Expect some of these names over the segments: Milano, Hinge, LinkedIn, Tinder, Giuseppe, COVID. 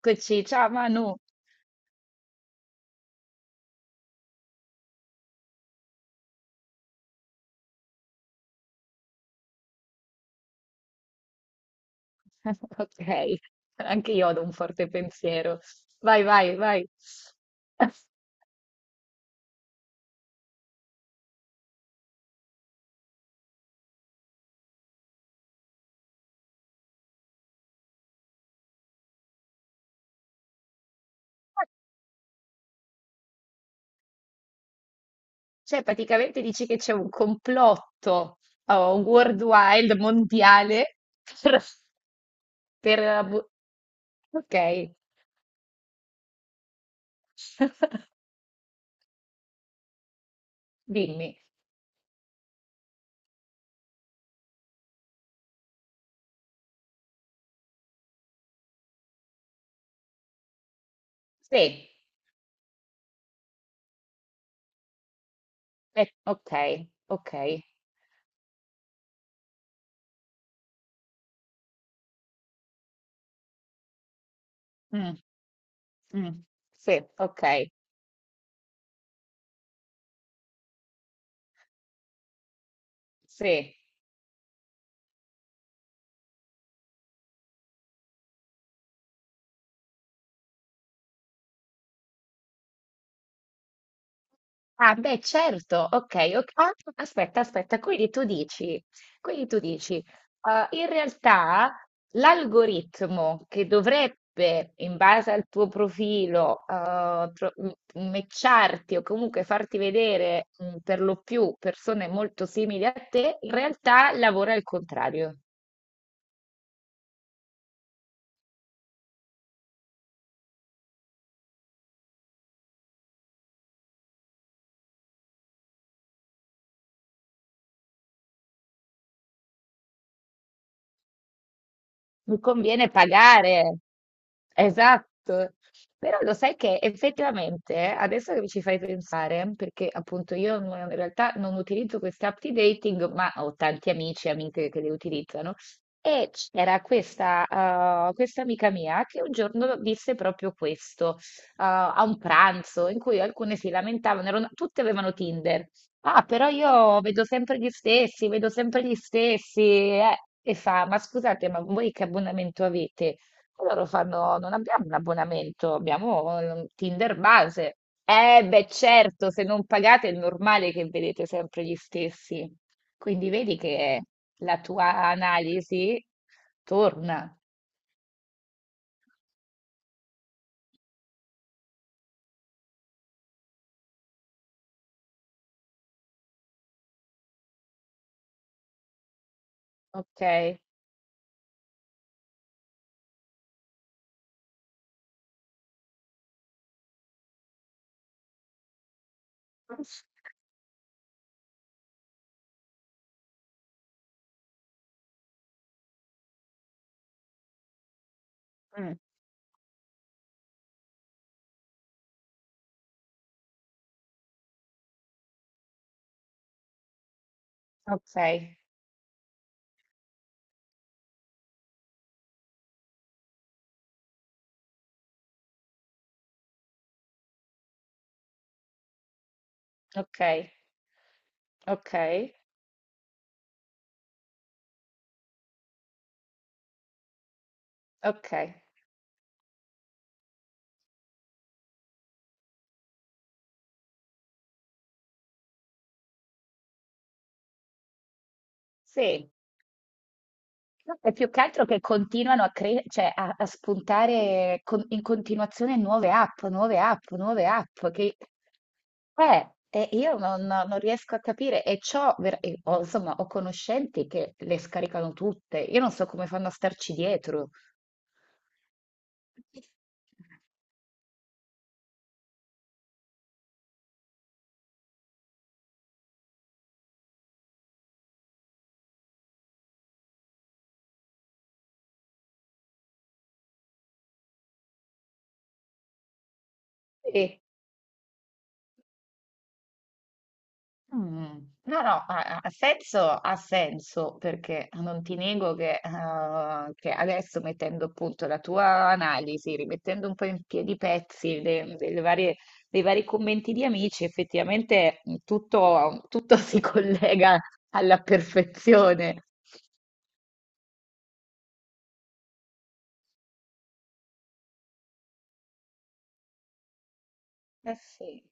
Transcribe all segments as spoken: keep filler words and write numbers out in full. Eccoci, ciao Manu. Ok, anche io ho un forte pensiero. Vai, vai, vai. Cioè, praticamente dici che c'è un complotto oh, worldwide, mondiale, per... per abu- ok, dimmi. Sì, eh, ok, ok. Mm, mm, sì, ok, sì. Ah beh certo, okay, ok. Ah, aspetta, aspetta, quindi tu dici, quindi tu dici, uhm, in realtà l'algoritmo che dovrebbe, in base al tuo profilo, uhm, tro m matcharti o comunque farti vedere, mhmm, per lo più persone molto simili a te, in realtà lavora al contrario. Mi conviene pagare. Esatto. Però lo sai che effettivamente, eh, adesso che mi ci fai pensare, perché appunto io non- in realtà non utilizzo queste app di dating, ma ho tanti amici e amiche che le utilizzano. E c'era questa, eh, questa amica mia che un giorno disse proprio questo, eh, a un pranzo in cui alcune si lamentavano, erano- tutte avevano Tinder. Ah, però io vedo sempre gli stessi, vedo sempre gli stessi, eh. E fa, ma scusate, ma voi che abbonamento avete? E loro fanno, non abbiamo un abbonamento, abbiamo eh, Tinder base. Eh, beh, certo, se non pagate è normale che vedete sempre gli stessi. Quindi vedi che la tua analisi torna. Ok. Mm, ok, ok, ok, ok. Sì. No, è più che altro che continuano a, cre- cioè a, a spuntare con- in continuazione nuove app, nuove app, nuove app, che eh, e io non, non non riesco a capire. E ciò, ho, insomma, ho conoscenti che le scaricano tutte. Io non so come fanno a starci dietro. Sì. Mm. No, no, ha, ha senso, ha senso, perché non ti nego che, eh, che adesso mettendo appunto la tua analisi, rimettendo un po' in piedi i pezzi de- delle varie- dei vari commenti di amici, effettivamente mm, tutto, tutto si collega alla perfezione. Eh sì.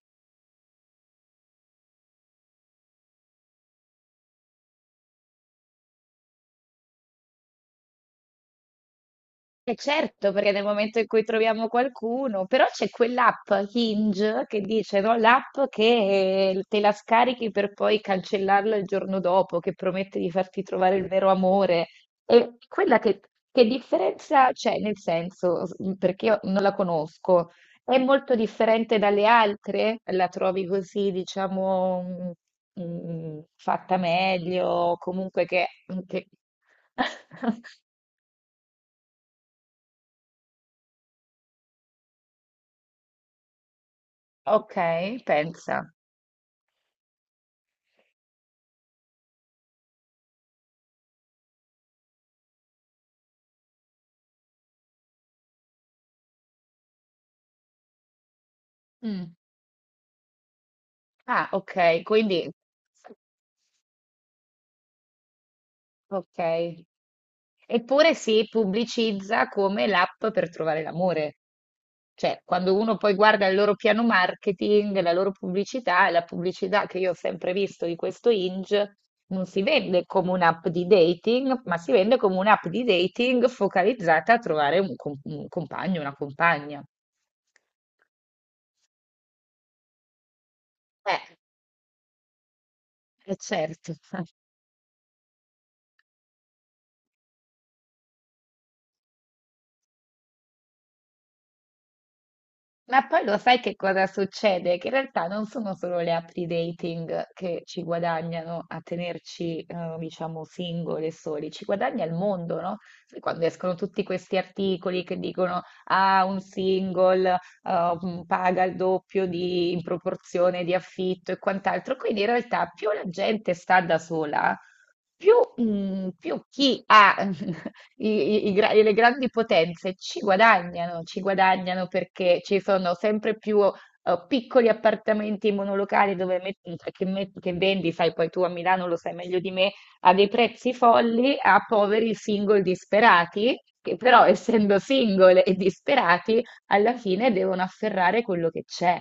E certo, perché nel momento in cui troviamo qualcuno, però c'è quell'app Hinge che dice, no, l'app che eh, te la scarichi per poi cancellarla il giorno dopo, che promette di farti trovare il vero amore. E quella che, che differenza c'è, nel senso, s- perché io non la conosco, è molto differente dalle altre? La trovi così, diciamo, mm, mm, fatta meglio, comunque che... che... Ok, pensa. Mm. Ah, ok, quindi ok. Eppure si pubblicizza come l'app per trovare l'amore. Cioè, quando uno poi guarda il loro piano marketing, la loro pubblicità, e la pubblicità che io ho sempre visto di questo Hinge, non si vende come un'app di dating, ma si vende come un'app di dating focalizzata a trovare un, com- un compagno, una compagna. Eh, eh, certo. Ma poi lo sai che cosa succede? Che in realtà non sono solo le app di dating che ci guadagnano a tenerci, eh, diciamo, singole e soli, ci guadagna il mondo, no? Sai quando escono tutti questi articoli che dicono, ah, un single, eh, m, paga il doppio di, in proporzione di affitto e quant'altro. Quindi in realtà più la gente sta da sola, più, mm, più chi ha I- i- i gra- le grandi potenze ci guadagnano, ci guadagnano perché ci sono sempre più eh, piccoli appartamenti monolocali dove met- che, met- che vendi, sai, poi tu a Milano lo sai meglio di me, a dei prezzi folli a poveri single disperati, che però essendo single e disperati, alla fine devono afferrare quello che c'è.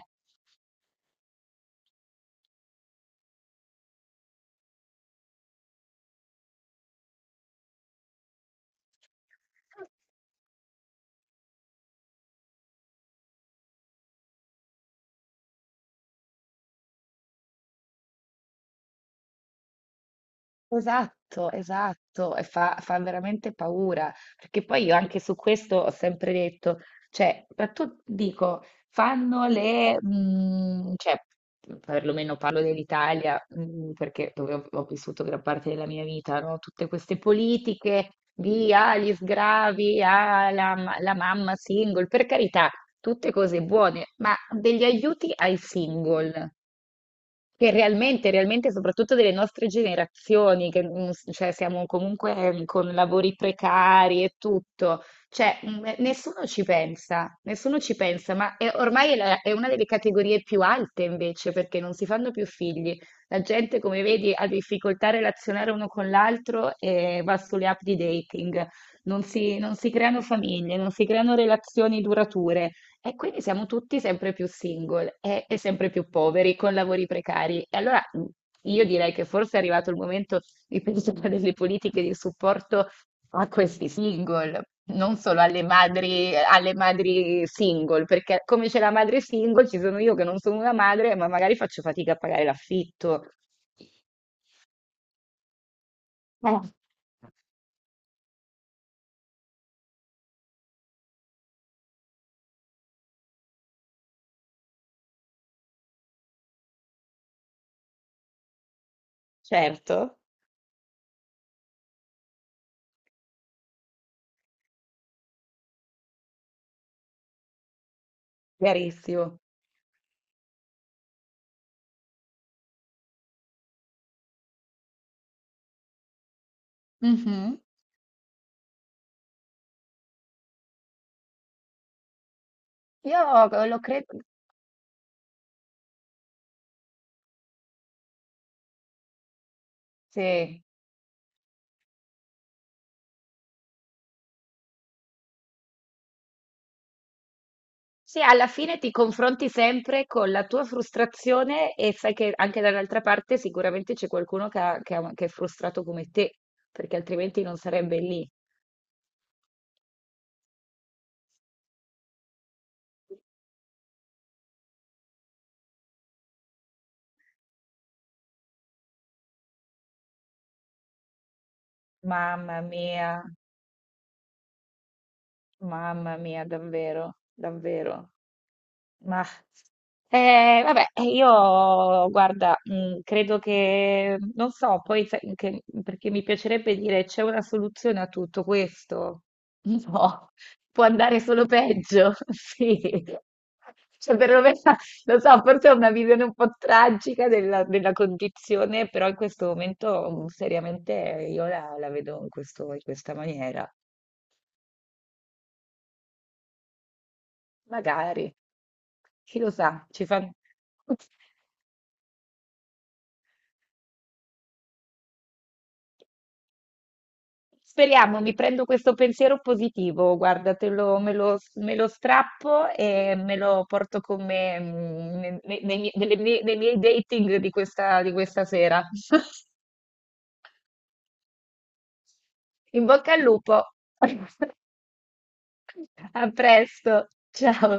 Esatto, esatto, e fa, fa veramente paura, perché poi io anche su questo ho sempre detto, cioè, ma tu dico, fanno le, mm, cioè, mhmm, perlomeno parlo dell'Italia, mm, perché dove ho, ho vissuto gran parte della mia vita, no? Tutte queste politiche di ah, gli sgravi, ah, la, ma- la mamma single, per carità, tutte cose buone, ma degli aiuti ai single. Che realmente, realmente, soprattutto delle nostre generazioni, che mm, s- cioè, siamo comunque mm, con lavori precari e tutto, cioè mm, eh, nessuno ci pensa, nessuno ci pensa, ma è- ormai è, la- è una delle categorie più alte invece, perché non si fanno più figli. La gente, come vedi, ha difficoltà a relazionare uno con l'altro e va sulle app di dating, non si non si creano famiglie, non si creano relazioni durature. E quindi siamo tutti sempre più single e, e sempre più poveri, con lavori precari. E allora mh, io direi che forse è arrivato il momento di pensare a delle politiche di supporto a questi single, non solo alle madri, alle madri single, perché come c'è la madre single, ci sono io che non sono una madre, ma magari faccio fatica a pagare l'affitto. Eh, certo, chiarissimo. Mhm. Io lo credo, sì. Sì, alla fine ti confronti sempre con la tua frustrazione e sai che anche dall'altra parte sicuramente c'è qualcuno che, ha- che ha- che è frustrato come te, perché altrimenti non sarebbe lì. Mamma mia, mamma mia, davvero, davvero. Ma Eh, vabbè, eh, io guarda, mh, credo che, non so, poi sai che- perché mi piacerebbe dire c'è una soluzione a tutto questo. No, può andare solo peggio, sì. Cioè, perlomeno, lo so, forse è una visione un po' tragica della, della condizione, però in questo momento mh, seriamente io la, la vedo in questo- in questa maniera. Magari, chi lo sa, ci fanno. Speriamo, mi prendo questo pensiero positivo, guarda, te lo- me lo, me lo strappo e me lo porto con me mm, ne- ne- nei, mie- nelle mie- nei miei dating di questa, di questa sera. In bocca al lupo. A presto, ciao.